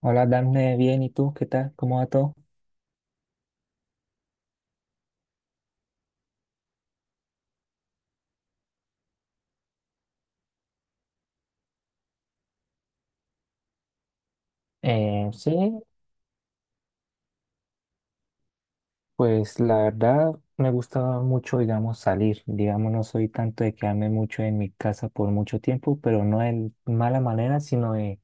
Hola, Dafne, bien, ¿y tú? ¿Qué tal? ¿Cómo va todo? Sí, pues la verdad me gusta mucho, digamos, salir. Digamos, no soy tanto de quedarme mucho en mi casa por mucho tiempo, pero no en mala manera, sino de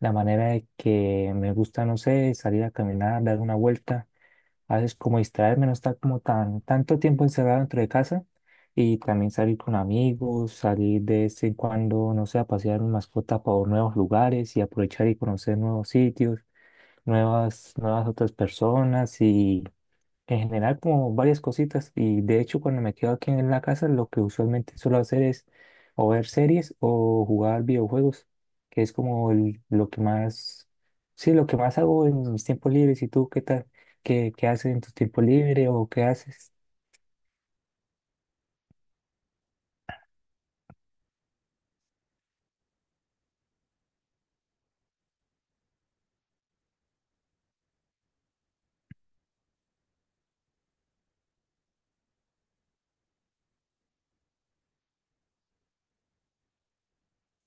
la manera de que me gusta, no sé, salir a caminar, dar una vuelta. A veces como distraerme, no estar como tanto tiempo encerrado dentro de casa. Y también salir con amigos, salir de vez en cuando, no sé, a pasear mi mascota por nuevos lugares y aprovechar y conocer nuevos sitios. Nuevas otras personas y en general como varias cositas. Y de hecho cuando me quedo aquí en la casa lo que usualmente suelo hacer es o ver series o jugar videojuegos, que es como lo que más, sí, lo que más hago en mis tiempos libres. ¿Y tú qué tal? ¿Qué haces en tu tiempo libre o qué haces?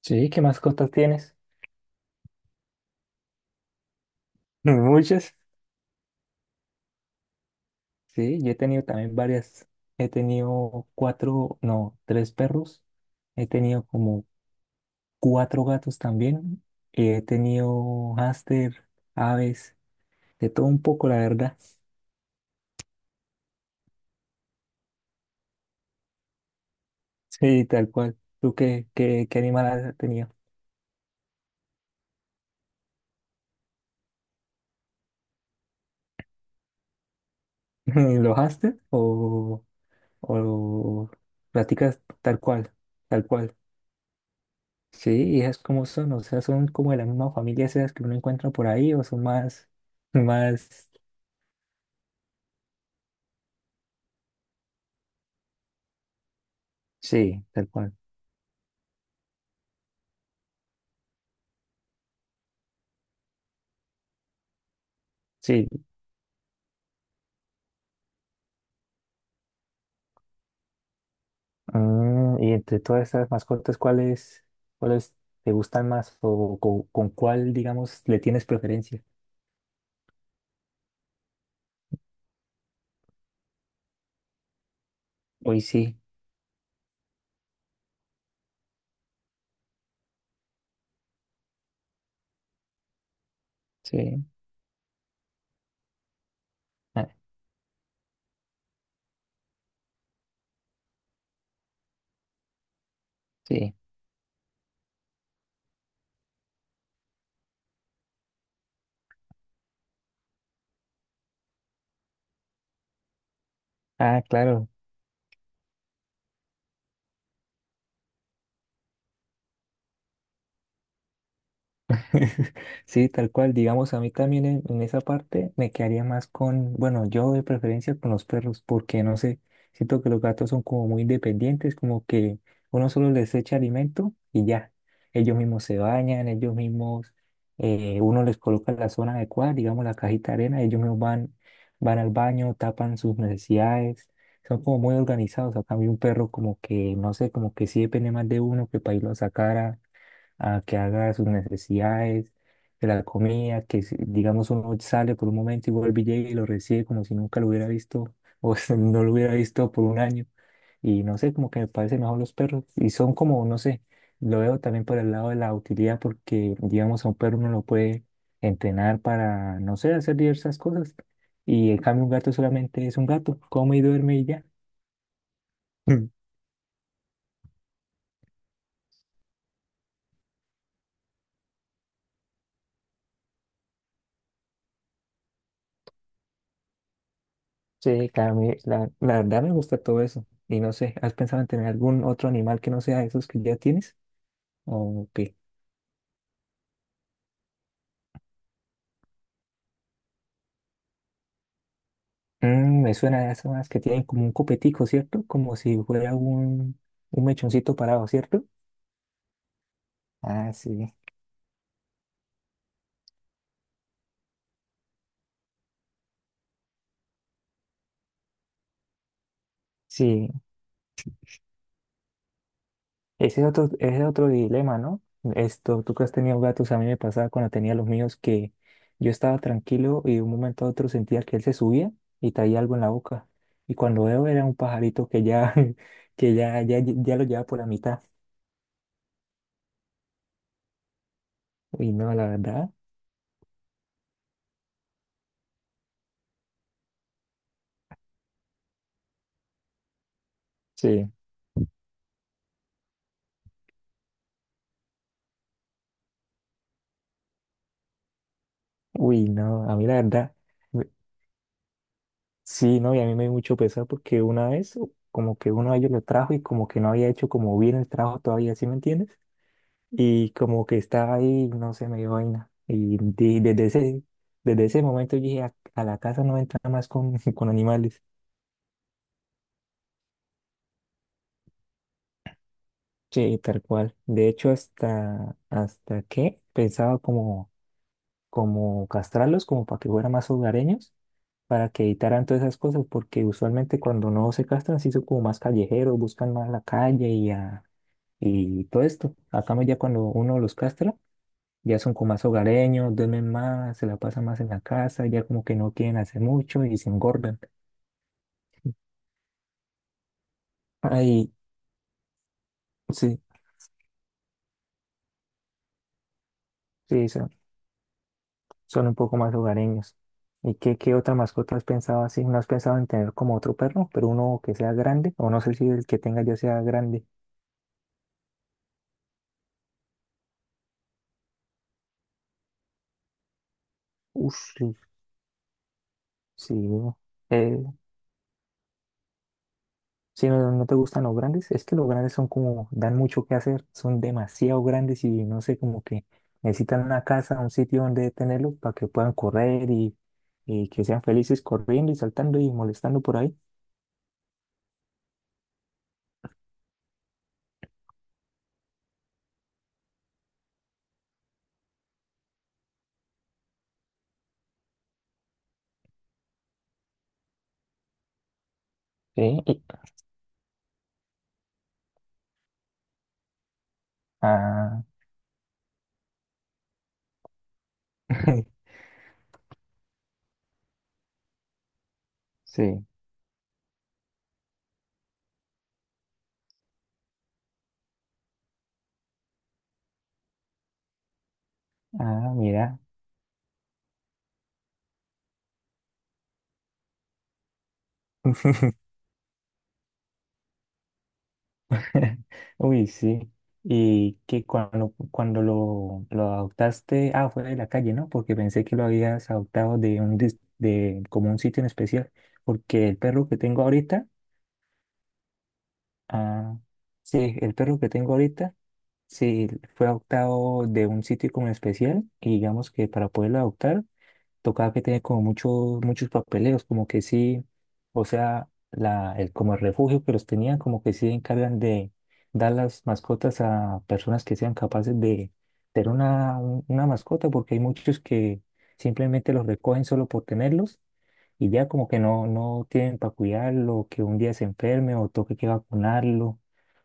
Sí, ¿qué más cosas tienes? Muchas. Sí, yo he tenido también varias. He tenido cuatro, no, tres perros. He tenido como cuatro gatos también. He tenido hámster, aves, de todo un poco, la verdad. Sí, tal cual. ¿Tú qué animal has tenido? ¿Los hámster o practicas tal cual? Tal cual. Sí, y esas como son, o sea, son como de la misma familia esas que uno encuentra por ahí o son más, sí, tal cual. Sí. Y entre todas esas mascotas, ¿cuáles te gustan más o con, cuál, digamos, le tienes preferencia? Hoy sí, sí, ah, sí. Ah, claro. Sí, tal cual, digamos, a mí también en esa parte me quedaría más con, bueno, yo de preferencia con los perros, porque no sé, siento que los gatos son como muy independientes, como que uno solo les echa alimento y ya, ellos mismos se bañan, ellos mismos, uno les coloca la zona adecuada, digamos, la cajita de arena, ellos mismos van al baño, tapan sus necesidades, son como muy organizados, a cambio un perro como que, no sé, como que sí depende más de uno que para irlo a sacar, a que haga sus necesidades, que la comida, que digamos uno sale por un momento y vuelve y llega y lo recibe como si nunca lo hubiera visto o si no lo hubiera visto por un año. Y no sé, como que me parecen mejor los perros. Y son como, no sé, lo veo también por el lado de la utilidad porque, digamos, a un perro uno lo puede entrenar para, no sé, hacer diversas cosas. Y en cambio un gato solamente es un gato, come y duerme y ya. Sí, claro, la verdad me gusta todo eso. Y no sé, ¿has pensado en tener algún otro animal que no sea esos que ya tienes? ¿O qué? Me suena a esas más que tienen como un copetico, ¿cierto? Como si fuera un mechoncito parado, ¿cierto? Ah, sí. Sí, ese es otro dilema, ¿no? Esto, tú que has tenido gatos, a mí me pasaba cuando tenía los míos que yo estaba tranquilo y de un momento a otro sentía que él se subía y traía algo en la boca. Y cuando veo era un pajarito que ya, que ya lo llevaba por la mitad. Uy, no, la verdad. Sí. Uy, no, a mí la verdad. me- Sí, no, y a mí me dio mucho pesar porque una vez como que uno de ellos lo trajo y como que no había hecho como bien el trabajo todavía, ¿sí me entiendes? Y como que estaba ahí, no sé, me dio vaina. Y, desde ese momento yo dije, a la casa no entra más con, con animales. Sí, tal cual. De hecho, hasta que pensaba como castrarlos, como para que fueran más hogareños, para que evitaran todas esas cosas, porque usualmente cuando no se castran, sí son como más callejeros, buscan más la calle y, y todo esto. Acá ya cuando uno los castra, ya son como más hogareños, duermen más, se la pasan más en la casa, ya como que no quieren hacer mucho y se engordan. Ahí sí, sí, sí, son un poco más hogareños. ¿Y qué otra mascota has pensado así? ¿No has pensado en tener como otro perro, pero uno que sea grande? O no sé si el que tenga ya sea grande. Uf, sí, sí. eh, Si no, no te gustan los grandes, es que los grandes son como, dan mucho que hacer, son demasiado grandes y no sé, como que necesitan una casa, un sitio donde tenerlo para que puedan correr y que sean felices corriendo y saltando y molestando por ahí. Sí, ah, sí, ah, mira. Uy, sí. Y que cuando lo adoptaste, ah, fue de la calle, ¿no? Porque pensé que lo habías adoptado de un de como un sitio en especial. Porque el perro que tengo ahorita. Ah, sí, el perro que tengo ahorita, sí, fue adoptado de un sitio como especial y digamos que para poderlo adoptar tocaba que tenía como muchos papeleos, como que sí, o sea, la, el, como el refugio que los tenían, como que sí encargan de dar las mascotas a personas que sean capaces de tener una, una mascota, porque hay muchos que simplemente los recogen solo por tenerlos y ya como que no tienen para cuidarlo, que un día se enferme o toque que vacunarlo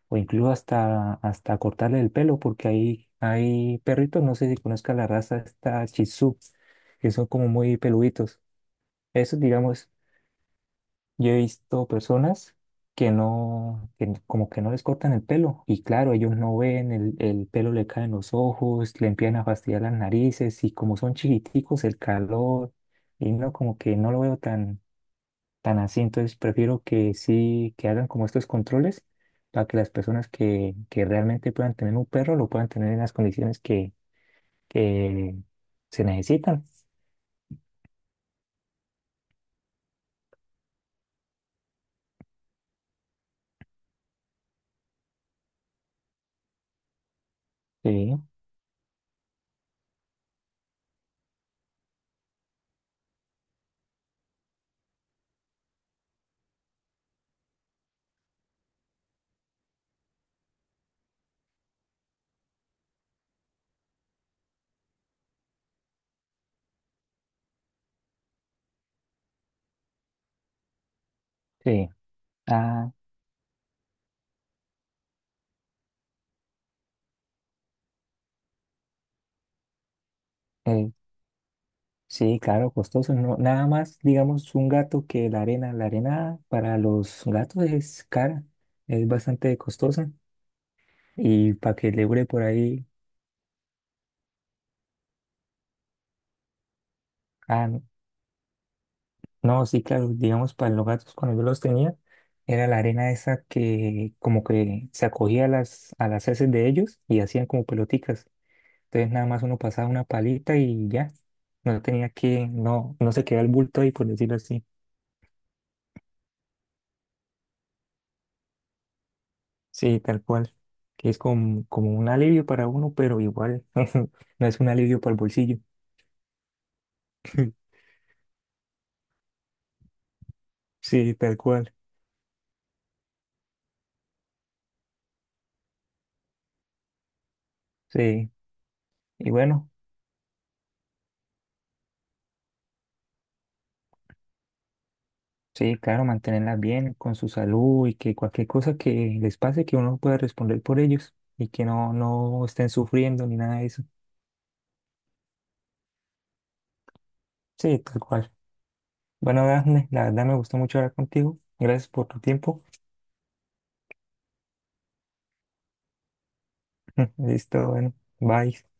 o incluso hasta cortarle el pelo, porque hay perritos, no sé si conozca la raza, esta Shih Tzu, que son como muy peluditos. Esos, digamos, yo he visto personas que no, como que no les cortan el pelo, y claro, ellos no ven, el pelo le cae en los ojos, le empiezan a fastidiar las narices, y como son chiquiticos, el calor, y no, como que no lo veo tan así. Entonces prefiero que sí, que hagan como estos controles para que las personas que realmente puedan tener un perro lo puedan tener en las condiciones que se necesitan. Sí, sí. Ah, eh, sí, claro, costoso. No, nada más, digamos, un gato que la arena. La arena para los gatos es cara, es bastante costosa. Y para que le dure por ahí. Ah, no, no, sí, claro, digamos, para los gatos cuando yo los tenía, era la arena esa que como que se acogía a las heces de ellos y hacían como peloticas. Entonces nada más uno pasaba una palita y ya, no tenía que, no se quedaba el bulto ahí, por decirlo así. Sí, tal cual, que es como un alivio para uno, pero igual no es un alivio para el bolsillo. Sí, tal cual, sí. Y bueno. Sí, claro, mantenerlas bien con su salud y que cualquier cosa que les pase, que uno pueda responder por ellos y que no estén sufriendo ni nada de eso. Sí, tal cual. Bueno, Dafne, la verdad me gustó mucho hablar contigo. Gracias por tu tiempo. Listo, bueno, bye.